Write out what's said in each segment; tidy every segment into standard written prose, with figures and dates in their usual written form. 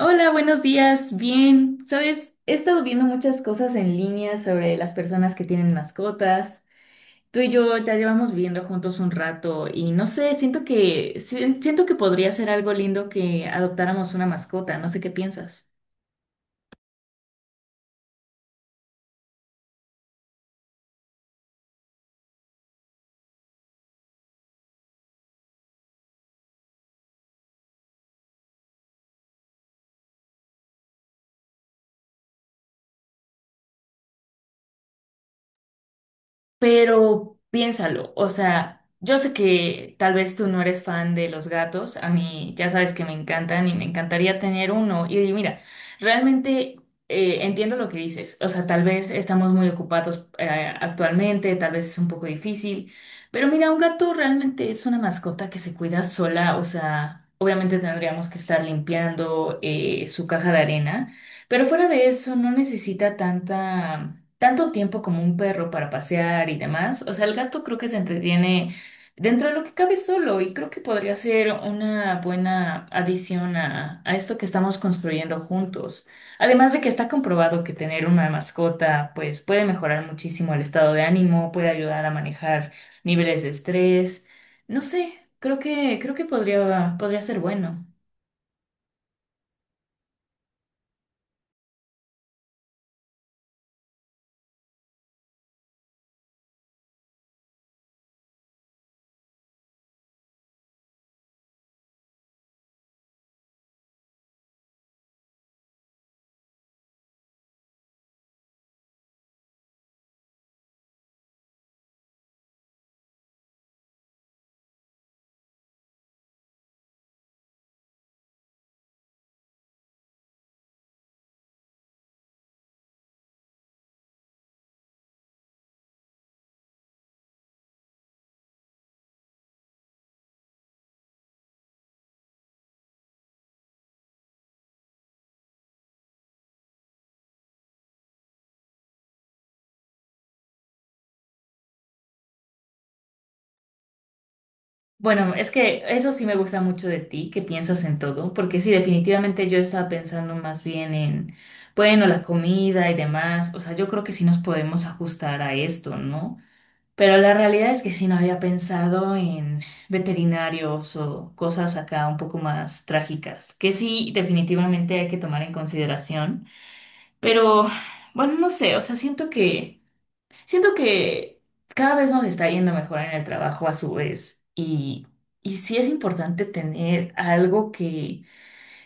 Hola, buenos días. Bien, sabes, he estado viendo muchas cosas en línea sobre las personas que tienen mascotas. Tú y yo ya llevamos viviendo juntos un rato y no sé, siento que siento que podría ser algo lindo que adoptáramos una mascota. No sé qué piensas. Pero piénsalo, o sea, yo sé que tal vez tú no eres fan de los gatos, a mí ya sabes que me encantan y me encantaría tener uno. Y mira, realmente entiendo lo que dices, o sea, tal vez estamos muy ocupados actualmente, tal vez es un poco difícil, pero mira, un gato realmente es una mascota que se cuida sola, o sea, obviamente tendríamos que estar limpiando su caja de arena. Pero fuera de eso, no necesita tanto tiempo como un perro para pasear y demás. O sea, el gato creo que se entretiene dentro de lo que cabe solo y creo que podría ser una buena adición a esto que estamos construyendo juntos. Además de que está comprobado que tener una mascota, pues puede mejorar muchísimo el estado de ánimo, puede ayudar a manejar niveles de estrés. No sé, creo que podría ser bueno. Bueno, es que eso sí me gusta mucho de ti, que piensas en todo, porque sí, definitivamente yo estaba pensando más bien en, bueno, la comida y demás, o sea, yo creo que sí nos podemos ajustar a esto, ¿no? Pero la realidad es que sí no había pensado en veterinarios o cosas acá un poco más trágicas, que sí, definitivamente hay que tomar en consideración, pero bueno, no sé, o sea, siento que... Siento que cada vez nos está yendo mejor en el trabajo a su vez y sí es importante tener algo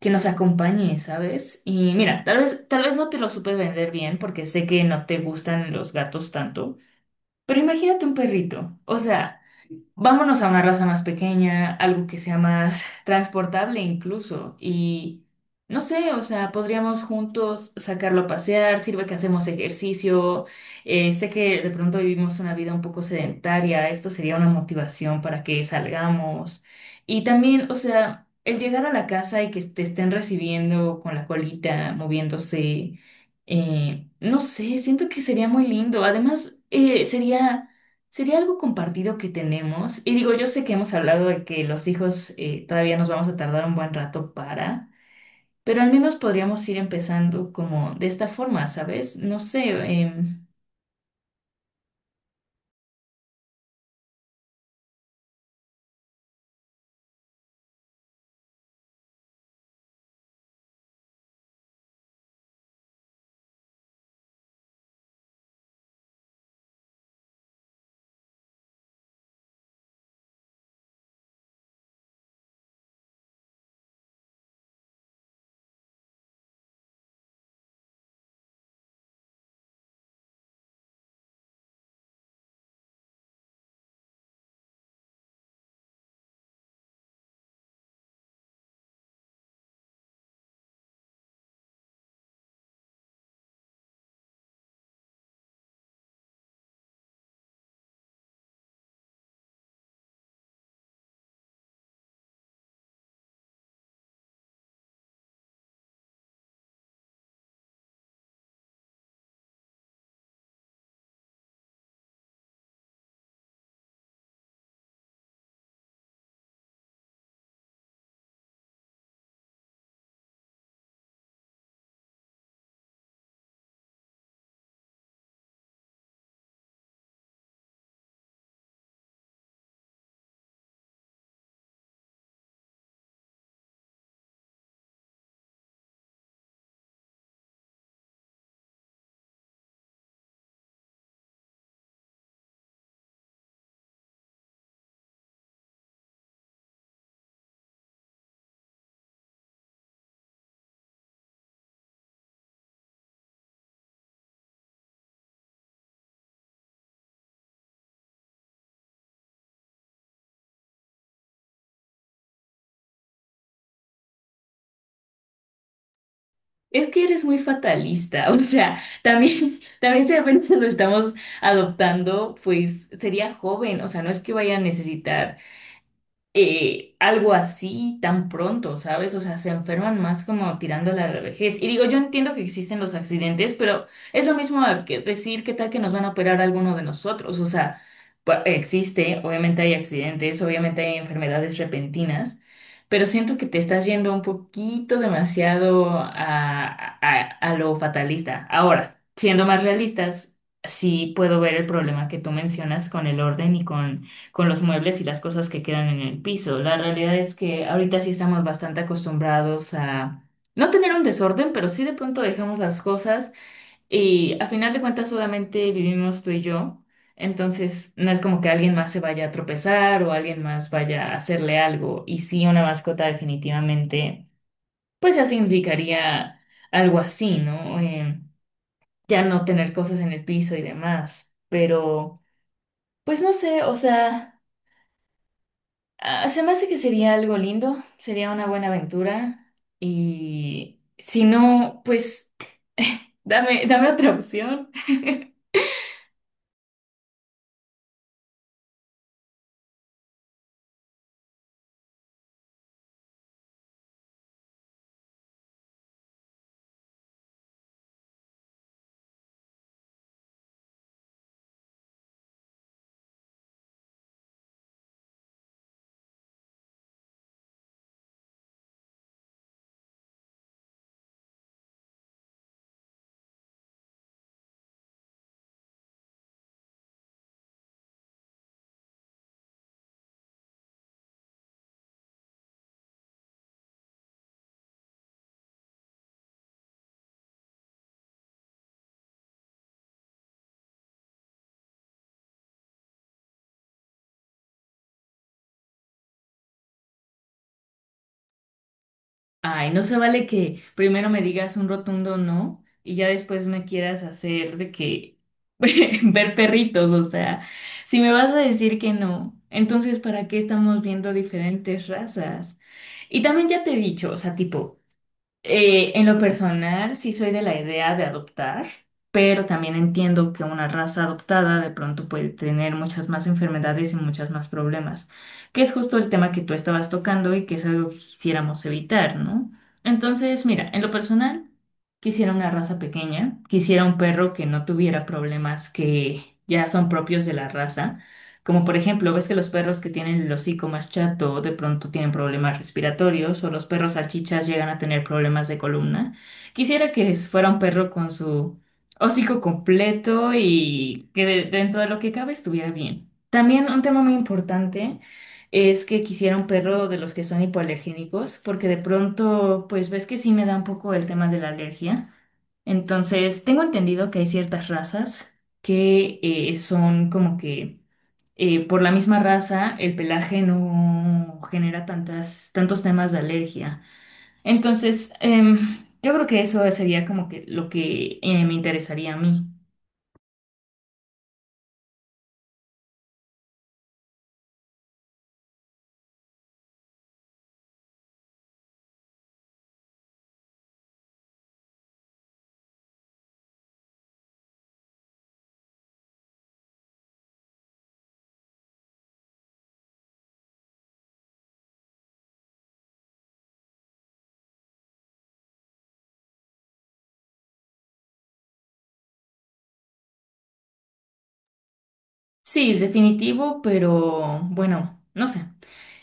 que nos acompañe, ¿sabes? Y mira, tal vez no te lo supe vender bien porque sé que no te gustan los gatos tanto, pero imagínate un perrito, o sea... Vámonos a una raza más pequeña, algo que sea más transportable incluso. Y no sé, o sea, podríamos juntos sacarlo a pasear, sirve que hacemos ejercicio. Sé que de pronto vivimos una vida un poco sedentaria, esto sería una motivación para que salgamos. Y también, o sea, el llegar a la casa y que te estén recibiendo con la colita, moviéndose, no sé, siento que sería muy lindo. Además, sería... Sería algo compartido que tenemos. Y digo, yo sé que hemos hablado de que los hijos todavía nos vamos a tardar un buen rato para, pero al menos podríamos ir empezando como de esta forma, ¿sabes? No sé, em, es que eres muy fatalista, o sea, también si apenas lo estamos adoptando, pues sería joven, o sea, no es que vaya a necesitar. Algo así tan pronto, ¿sabes? O sea, se enferman más como tirándole a la vejez. Y digo, yo entiendo que existen los accidentes, pero es lo mismo a que decir qué tal que nos van a operar alguno de nosotros. O sea, existe, obviamente hay accidentes, obviamente hay enfermedades repentinas, pero siento que te estás yendo un poquito demasiado a lo fatalista. Ahora, siendo más realistas, sí puedo ver el problema que tú mencionas con el orden y con los muebles y las cosas que quedan en el piso. La realidad es que ahorita sí estamos bastante acostumbrados a no tener un desorden, pero sí de pronto dejamos las cosas y a final de cuentas solamente vivimos tú y yo. Entonces, no es como que alguien más se vaya a tropezar o alguien más vaya a hacerle algo. Y sí, una mascota definitivamente, pues ya significaría algo así, ¿no? Ya no tener cosas en el piso y demás. Pero, pues no sé, o sea... Ah, se me hace que sería algo lindo, sería una buena aventura y si no, pues dame otra opción. Ay, no se vale que primero me digas un rotundo no y ya después me quieras hacer de que ver perritos, o sea, si me vas a decir que no, entonces ¿para qué estamos viendo diferentes razas? Y también ya te he dicho, o sea, tipo... En lo personal, sí soy de la idea de adoptar, pero también entiendo que una raza adoptada de pronto puede tener muchas más enfermedades y muchas más problemas, que es justo el tema que tú estabas tocando y que es algo que quisiéramos evitar, ¿no? Entonces, mira, en lo personal, quisiera una raza pequeña, quisiera un perro que no tuviera problemas que ya son propios de la raza. Como por ejemplo, ves que los perros que tienen el hocico más chato de pronto tienen problemas respiratorios o los perros salchichas llegan a tener problemas de columna. Quisiera que fuera un perro con su hocico completo y que dentro de lo que cabe estuviera bien. También un tema muy importante es que quisiera un perro de los que son hipoalergénicos porque de pronto, pues ves que sí me da un poco el tema de la alergia. Entonces, tengo entendido que hay ciertas razas que son como que por la misma raza, el pelaje no genera tantos temas de alergia. Entonces, yo creo que eso sería como que lo que me interesaría a mí. Sí, definitivo, pero bueno, no sé.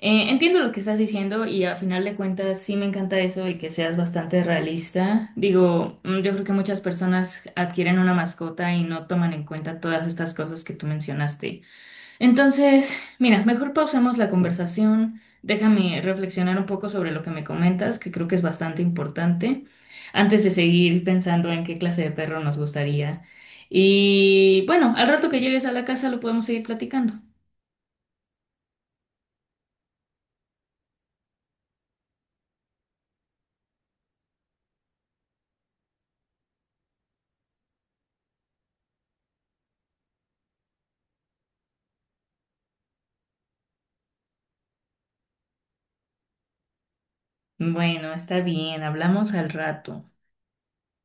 Entiendo lo que estás diciendo y a final de cuentas sí me encanta eso y que seas bastante realista. Digo, yo creo que muchas personas adquieren una mascota y no toman en cuenta todas estas cosas que tú mencionaste. Entonces, mira, mejor pausemos la conversación. Déjame reflexionar un poco sobre lo que me comentas, que creo que es bastante importante, antes de seguir pensando en qué clase de perro nos gustaría. Y bueno, al rato que llegues a la casa lo podemos seguir platicando. Bueno, está bien, hablamos al rato.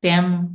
Te amo.